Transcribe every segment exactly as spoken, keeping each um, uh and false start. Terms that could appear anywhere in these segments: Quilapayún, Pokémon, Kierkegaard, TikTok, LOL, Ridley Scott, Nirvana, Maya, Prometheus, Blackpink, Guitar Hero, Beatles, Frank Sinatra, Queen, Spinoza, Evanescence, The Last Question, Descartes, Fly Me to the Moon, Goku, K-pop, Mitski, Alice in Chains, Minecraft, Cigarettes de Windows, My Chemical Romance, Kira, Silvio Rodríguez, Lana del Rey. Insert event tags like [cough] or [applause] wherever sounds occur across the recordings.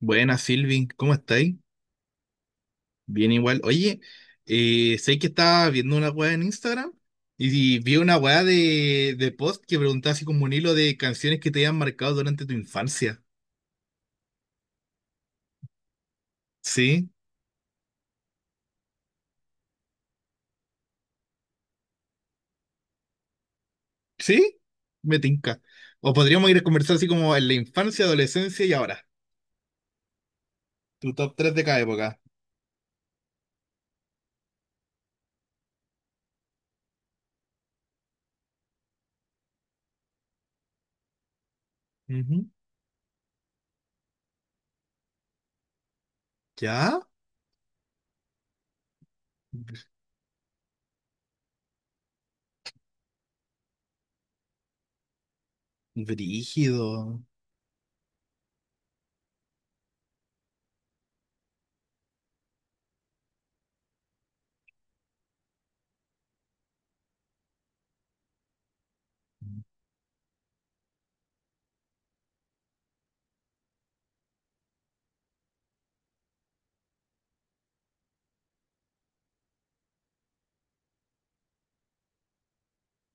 Buenas, Silvi, ¿cómo estáis? Bien igual. Oye, eh, sé que estaba viendo una weá en Instagram y, vi una weá de, de post que preguntaba así como un hilo de canciones que te hayan marcado durante tu infancia. ¿Sí? ¿Sí? Me tinca. O podríamos ir a conversar así como en la infancia, adolescencia y ahora. Tu top tres de cada época. Ujú. ¿Ya? Brígido.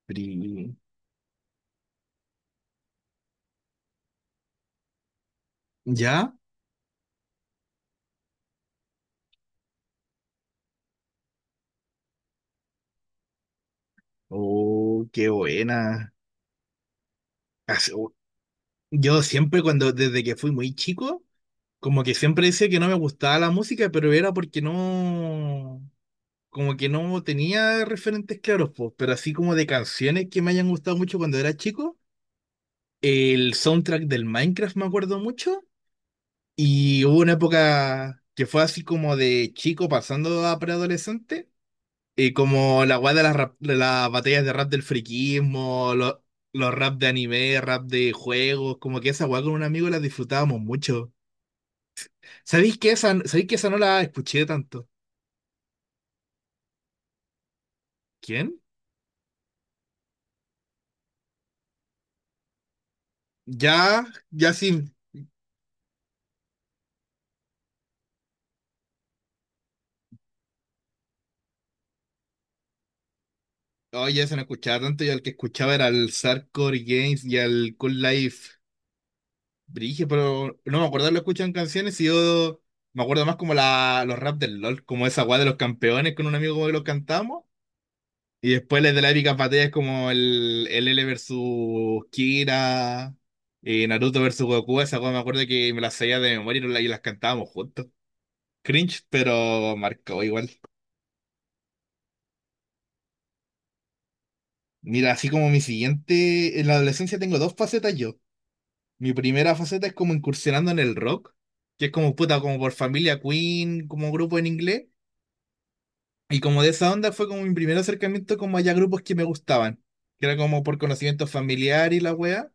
Brí- ¿Ya? Oh, qué buena. Así- Yo siempre cuando, desde que fui muy chico, como que siempre decía que no me gustaba la música, pero era porque no, como que no tenía referentes claros, po. Pero así como de canciones que me hayan gustado mucho cuando era chico, el soundtrack del Minecraft me acuerdo mucho, y hubo una época que fue así como de chico pasando a preadolescente, eh, como la guay de las, rap- de las batallas de rap del friquismo, lo- los rap de anime, rap de juegos, como que esa guay con un amigo la disfrutábamos mucho. ¿Sabéis que esa, sabéis que esa no la escuché tanto? ¿Quién? Ya, ya sí. Oye, ya se no escuchaba tanto. Yo al que escuchaba era al Sarcore Games y al Cool Life Brige, pero no me acuerdo, lo escuchan canciones y yo me acuerdo más como la, los rap del LOL, como esa guay de los campeones con un amigo como que los cantamos. Y después les de la épica batalla es como el, el L versus Kira, y Naruto versus Goku. Esa guay me acuerdo que me las sabía de memoria y no la- y las cantábamos juntos. Cringe, pero marcó igual. Mira, así como mi siguiente, en la adolescencia tengo dos facetas yo. Mi primera faceta es como incursionando en el rock, que es como puta, como por familia Queen, como grupo en inglés. Y como de esa onda fue como mi primer acercamiento como allá grupos que me gustaban, que era como por conocimiento familiar y la wea.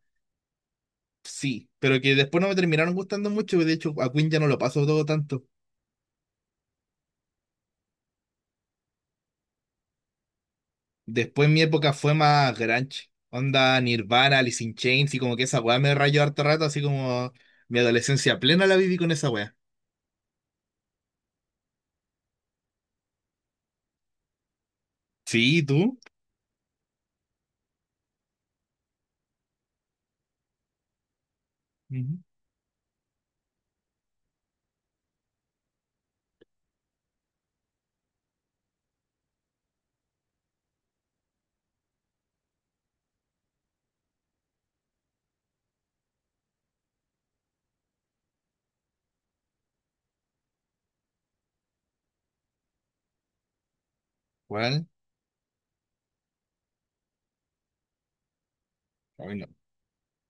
Sí, pero que después no me terminaron gustando mucho; de hecho, a Queen ya no lo paso todo tanto. Después mi época fue más grunge, onda Nirvana, Alice in Chains, y como que esa wea me rayó harto rato, así como mi adolescencia plena la viví con esa wea. Sí, ¿tú? Ujú. ¿Cuál? Ay, no.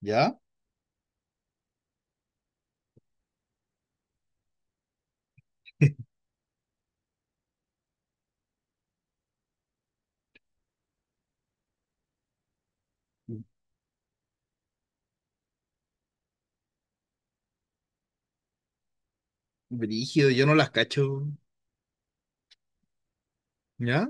¿Ya? Brígido, yo no las cacho. ¿Ya?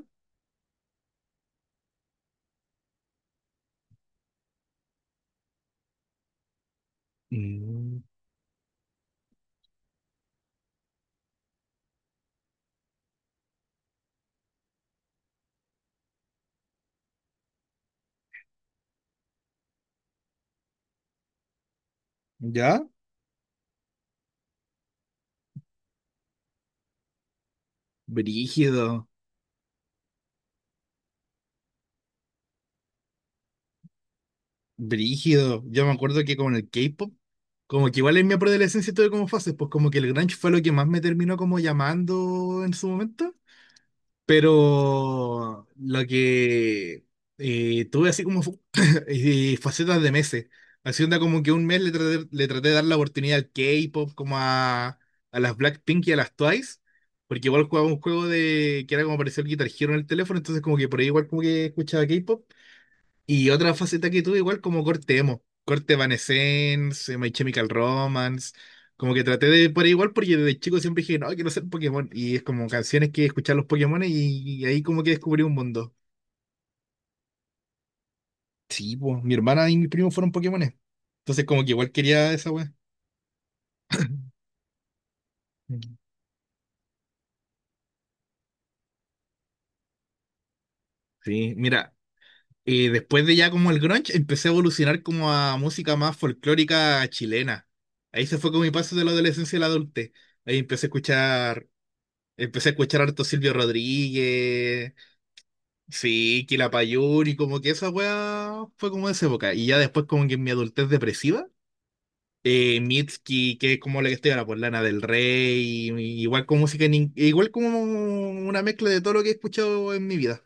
Mm. ¿Ya? Brígido, brígido. Yo me acuerdo que con el K-pop, como que igual en mi adolescencia tuve como fases, pues como que el grunge fue lo que más me terminó como llamando en su momento. Pero lo que eh, tuve así como fu- [laughs] [clears throat] eh, facetas de meses. Así onda como que un mes le traté, le traté de dar la oportunidad al K-pop, como a, a las Blackpink y a las Twice. Porque igual jugaba un juego de que era como pareció el Guitar Hero en el teléfono, entonces como que por ahí igual como que escuchaba K-pop. Y otra faceta que tuve igual como corte emo, corte Evanescence, eh, My Chemical Romance, como que traté de por ahí igual porque desde chico siempre dije, no, quiero ser Pokémon, y es como canciones que escuchar los Pokémon y, y ahí como que descubrí un mundo. Sí, pues mi hermana y mi primo fueron Pokémones, entonces como que igual quería esa wea. Mm. Sí, mira, eh, después de ya como el grunge empecé a evolucionar como a música más folclórica chilena. Ahí se fue con mi paso de la adolescencia a la adultez. Ahí empecé a escuchar Empecé a escuchar harto Silvio Rodríguez, sí, Quilapayún Payuri, como que esa weá fue como de esa época. Y ya después, como que en mi adultez depresiva, eh, Mitski, que es como la que estoy ahora, por Lana del Rey, y- igual con música, en in- igual como una mezcla de todo lo que he escuchado en mi vida.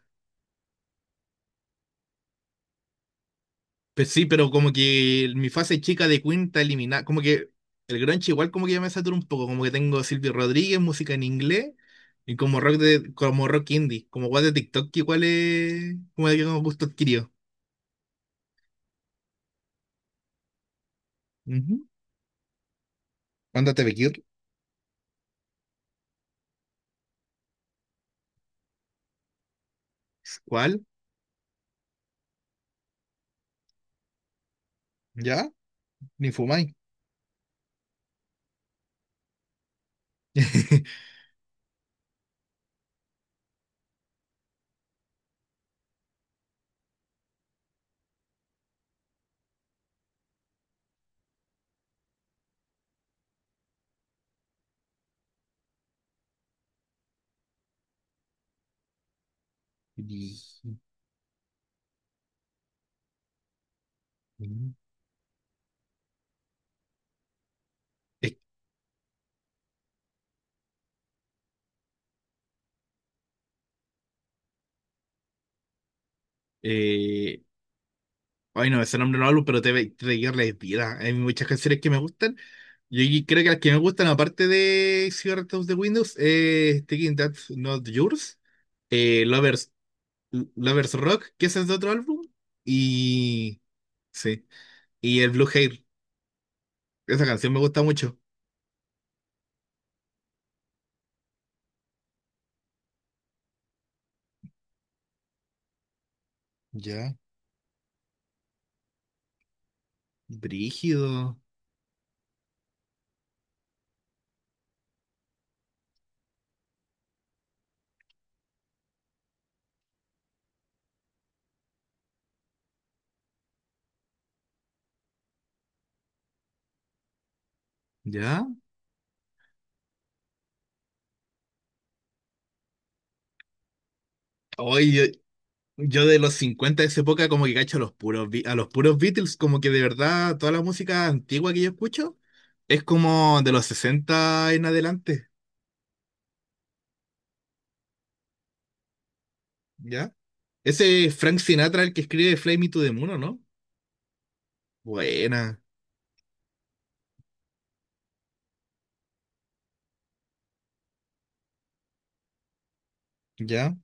Pues sí, pero como que mi fase chica de Queen está eliminada. Como que el grunge igual como que ya me satura un poco. Como que tengo Silvio Rodríguez, música en inglés, y como rock de, como rock indie, como guay de TikTok, que igual es como de que como gusto adquirido. Ujú. Ándate, Bekir. ¿Cuál? ¿Ya? Ni fumáis. [laughs] Y- eh, Ay, no, ese nombre no hablo, pero te, te es vida. Hay muchas canciones que me gustan. Yo y- creo que las que me gustan, aparte de Cigarettes de Windows, es Thinking That's Not Yours, eh, Lovers, Lovers Rock, que ese es de otro álbum, y sí, y el Blue Hair. Esa canción me gusta mucho. Ya. Brígido, ¿ya? ¡Oye! Yo de los cincuenta de esa época como que cacho a los puros, Be- a los puros Beatles, como que de verdad toda la música antigua que yo escucho es como de los sesenta en adelante, ¿ya? Ese Frank Sinatra el que escribe Fly Me to the Moon, ¿o no? Buena, ¿ya?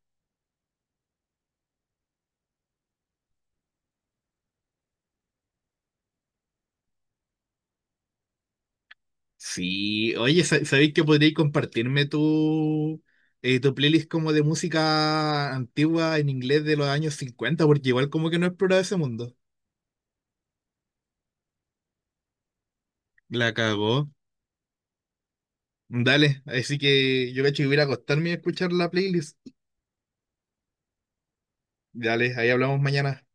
Sí, oye, sa- ¿sabéis que podríais compartirme tu, eh, tu playlist como de música antigua en inglés de los años cincuenta? Porque igual como que no he explorado ese mundo. La cagó. Dale, así que yo cacho que voy a ir a acostarme y a escuchar la playlist. Dale, ahí hablamos mañana.